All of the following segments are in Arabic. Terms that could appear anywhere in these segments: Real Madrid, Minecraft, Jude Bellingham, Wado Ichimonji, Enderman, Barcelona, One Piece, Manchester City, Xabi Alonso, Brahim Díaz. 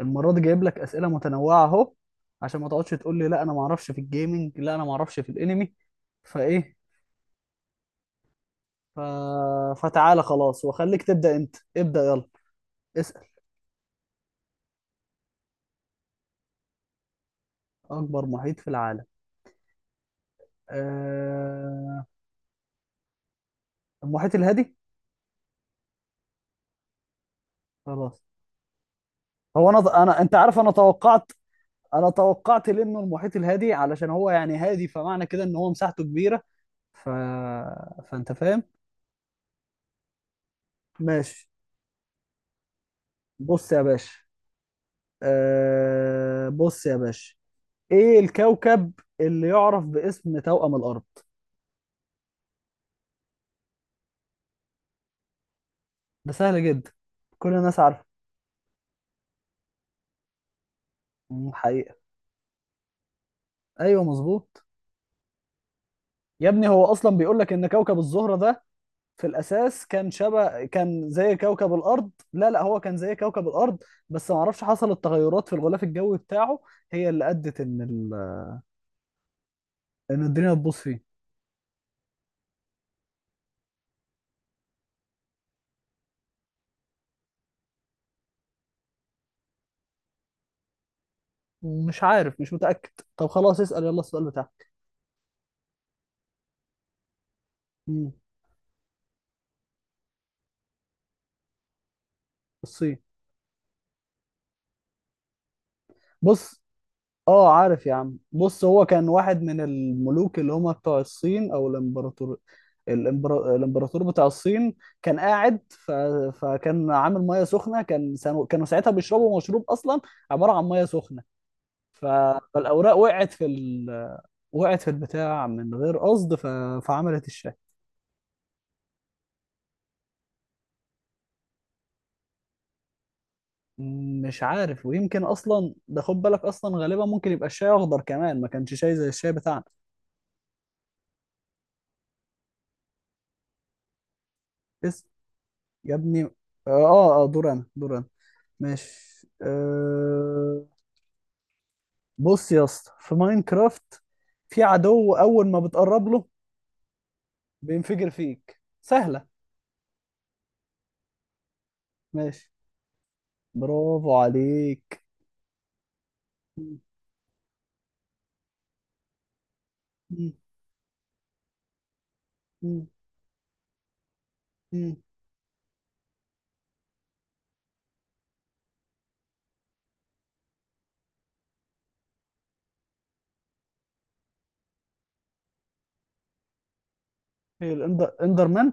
المره دي جايب لك اسئله متنوعه اهو عشان ما تقعدش تقول لي لا انا ما اعرفش في الجيمنج، لا انا ما اعرفش في الانمي. فايه؟ ف... فتعالى خلاص وخليك تبدا، انت ابدا يلا. اسال. اكبر محيط في العالم؟ أه... المحيط الهادي. خلاص. هو انا انت عارف، انا توقعت. انا توقعت لانه المحيط الهادي، علشان هو يعني هادي، فمعنى كده ان هو مساحته كبيره. ف... فانت فاهم. ماشي. بص يا باشا. بص يا باشا، ايه الكوكب اللي يعرف باسم توأم الارض؟ ده سهل جدا، كل الناس عارفه. حقيقة. ايوه مظبوط. يا ابني هو اصلا بيقول لك ان كوكب الزهرة ده في الاساس كان شبه كان زي كوكب الارض. لا لا، هو كان زي كوكب الارض. بس ما اعرفش حصلت تغيرات في الغلاف الجوي بتاعه، هي اللي ادت ان ان الدنيا تبوظ فيه. مش عارف، مش متأكد. طب خلاص اسأل يلا السؤال بتاعك. مم، الصين. بص، اه عارف يا عم. بص، هو كان واحد من الملوك اللي هم بتوع الصين، او الامبراطور. الامبراطور بتاع الصين كان قاعد فكان عامل ميه سخنه. كانوا ساعتها بيشربوا مشروب اصلا عباره عن ميه سخنه. ف... فالاوراق وقعت في وقعت في البتاع من غير قصد، فعملت الشاي. مش عارف، ويمكن اصلا ده، خد بالك اصلا، غالبا ممكن يبقى الشاي اخضر كمان، ما كانش شاي زي الشاي بتاعنا. بس يا ابني. اه. اه. دور انا، دور أنا. ماشي. بص يا اسطى، في ماينكرافت في عدو اول ما بتقرب له بينفجر فيك، سهلة. ماشي، برافو عليك. مم. مم. مم. مم. ايه، الاندر، اندرمان.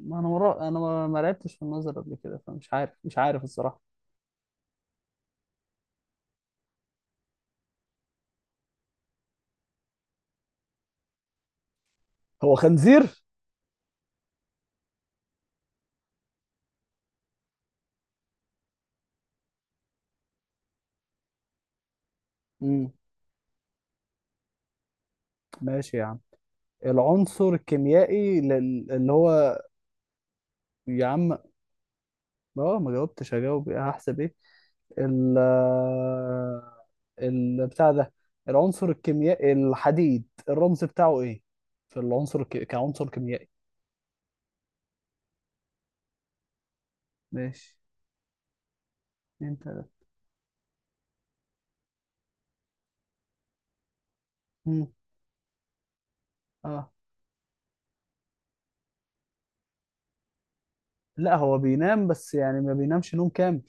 ما انا مرا... انا ما ما لعبتش في النظر قبل كده فمش عارف، مش عارف الصراحة. هو خنزير؟ مم. ماشي يا عم. العنصر الكيميائي اللي هو، يا عم اه ما جاوبتش، هجاوب ايه، هحسب ايه. ال ال بتاع ده. العنصر الكيميائي الحديد الرمز بتاعه ايه؟ في العنصر كعنصر كيميائي. ماشي. انت ده. مم. اه، لا هو بينام، بس يعني ما بينامش نوم كامل.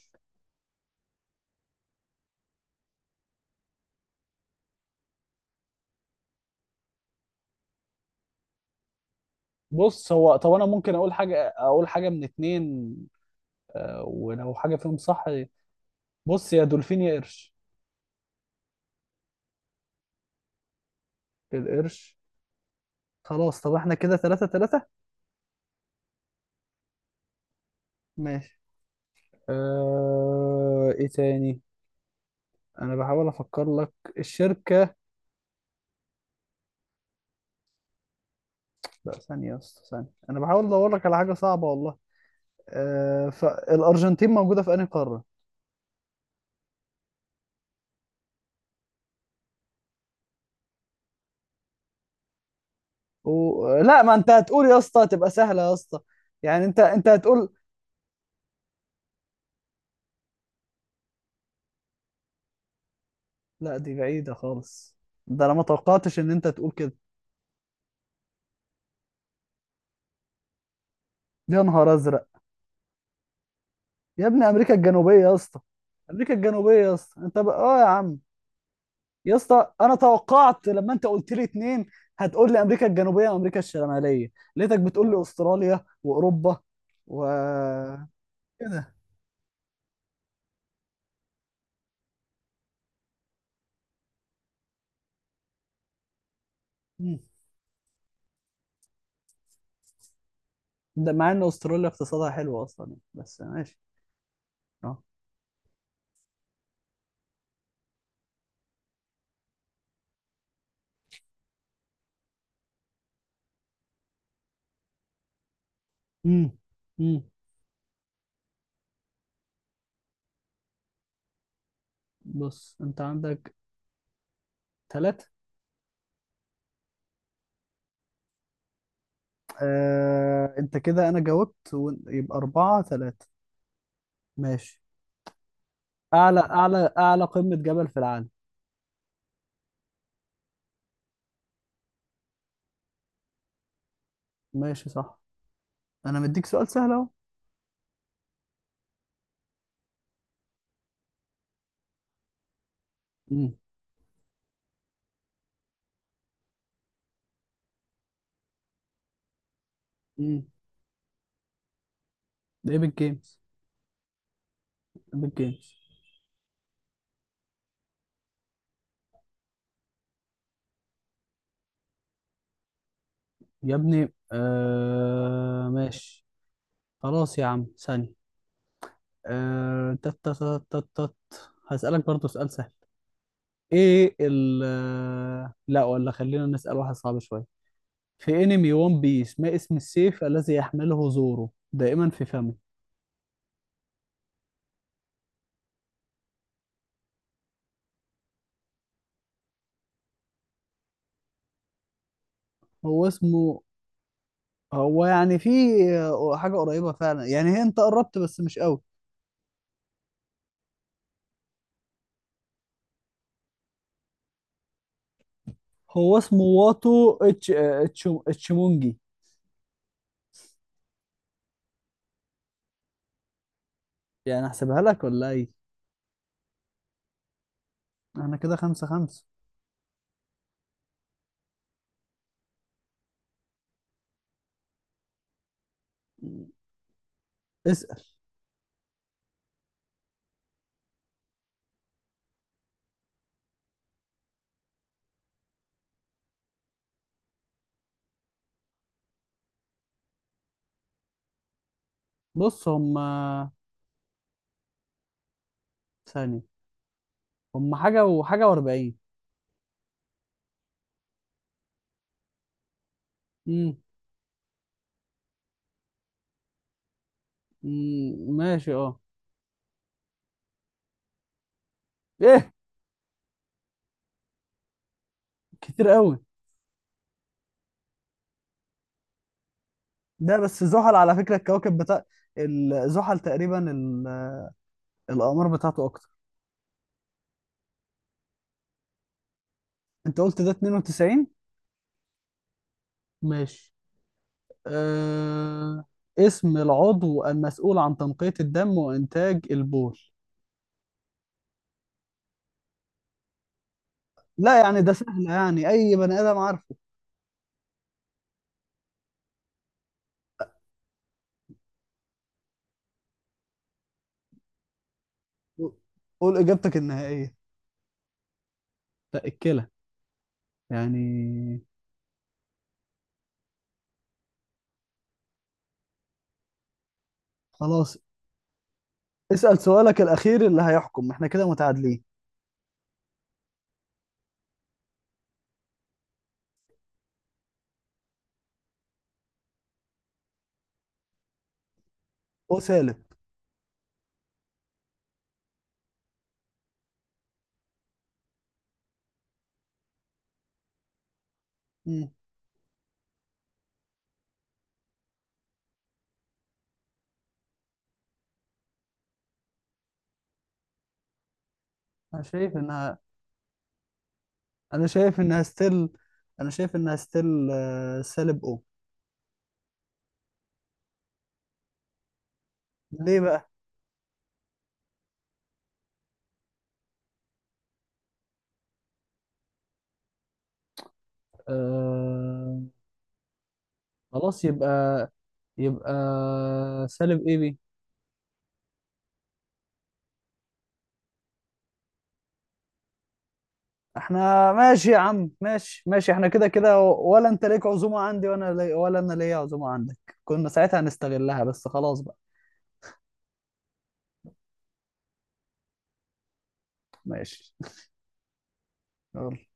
بص، هو طب انا ممكن اقول حاجه، من اتنين. آه ولو حاجه فيهم صح؟ بص، يا دولفين يا قرش. القرش. خلاص، طب احنا كده تلاتة تلاتة. ماشي. ايه تاني؟ انا بحاول افكر لك. الشركة. لا ثانية يا اسطى، ثانية، أنا بحاول أدور لك على حاجة صعبة والله. فالأرجنتين موجودة في أنهي قارة؟ و... لا ما أنت هتقول يا اسطى تبقى سهلة يا اسطى. يعني أنت هتقول. لا دي بعيدة خالص. ده أنا ما توقعتش إن أنت تقول كده. يا نهار أزرق. يا ابني أمريكا الجنوبية يا اسطى. أمريكا الجنوبية يا اسطى، أنت بقى آه يا عم. يا اسطى أنا توقعت لما أنت قلت لي اتنين هتقول لي أمريكا الجنوبية وأمريكا الشمالية، لقيتك بتقول لي أستراليا وأوروبا. و كده. ده مع ان استراليا اقتصادها حلو اصلا يعني. بس ماشي. اه. امم. امم. بص انت عندك ثلاثة. انت كده انا جاوبت و- يبقى اربعة ثلاثة. ماشي. اعلى قمة جبل في العالم. ماشي صح، انا مديك سؤال سهل اهو. امم. امم. ده ايبك جيمز. ايبك جيمز. يا ابني آه ماشي. خلاص يا عم ثانية. آه تت تت تت تت. هسألك برضو سؤال سهل. ايه ال لا ولا خلينا نسأل واحد صعب شوية. في انمي ون بيس ما اسم السيف الذي يحمله زورو دائما في فمه؟ هو اسمه، هو يعني في حاجة قريبة فعلا يعني، هي انت قربت بس مش قوي. هو اسمه واتو اتش اتش اتشمونجي. يعني احسبها لك ولا ايه؟ احنا كده خمسة خمسة. اسأل. بص هم، ثانية، هم حاجة وحاجة واربعين. امم. أمم، ماشي اه. ايه؟ كتير قوي. ده بس زحل على فكرة، الكواكب بتاع ال- زحل تقريبا ال- الأقمار بتاعته أكتر. أنت قلت ده 92. ماشي. أه... اسم العضو المسؤول عن تنقية الدم وإنتاج البول. لا يعني ده سهل، يعني أي بني آدم عارفه. قول إجابتك النهائية. لا، الكلى يعني. خلاص اسأل سؤالك الأخير اللي هيحكم، احنا كده متعادلين. أو سالب. مم. أنا شايف إنها، أنا شايف إنها ستيل. أنا شايف إنها ستيل سالب أو. ليه بقى؟ آه. خلاص يبقى، يبقى سالب اي بي. احنا ماشي يا عم، ماشي ماشي. احنا كده كده، ولا انت ليك عزومة عندي وانا لي... ولا انا ليا عزومة عندك؟ كنا ساعتها هنستغلها، بس خلاص بقى. ماشي. يلا.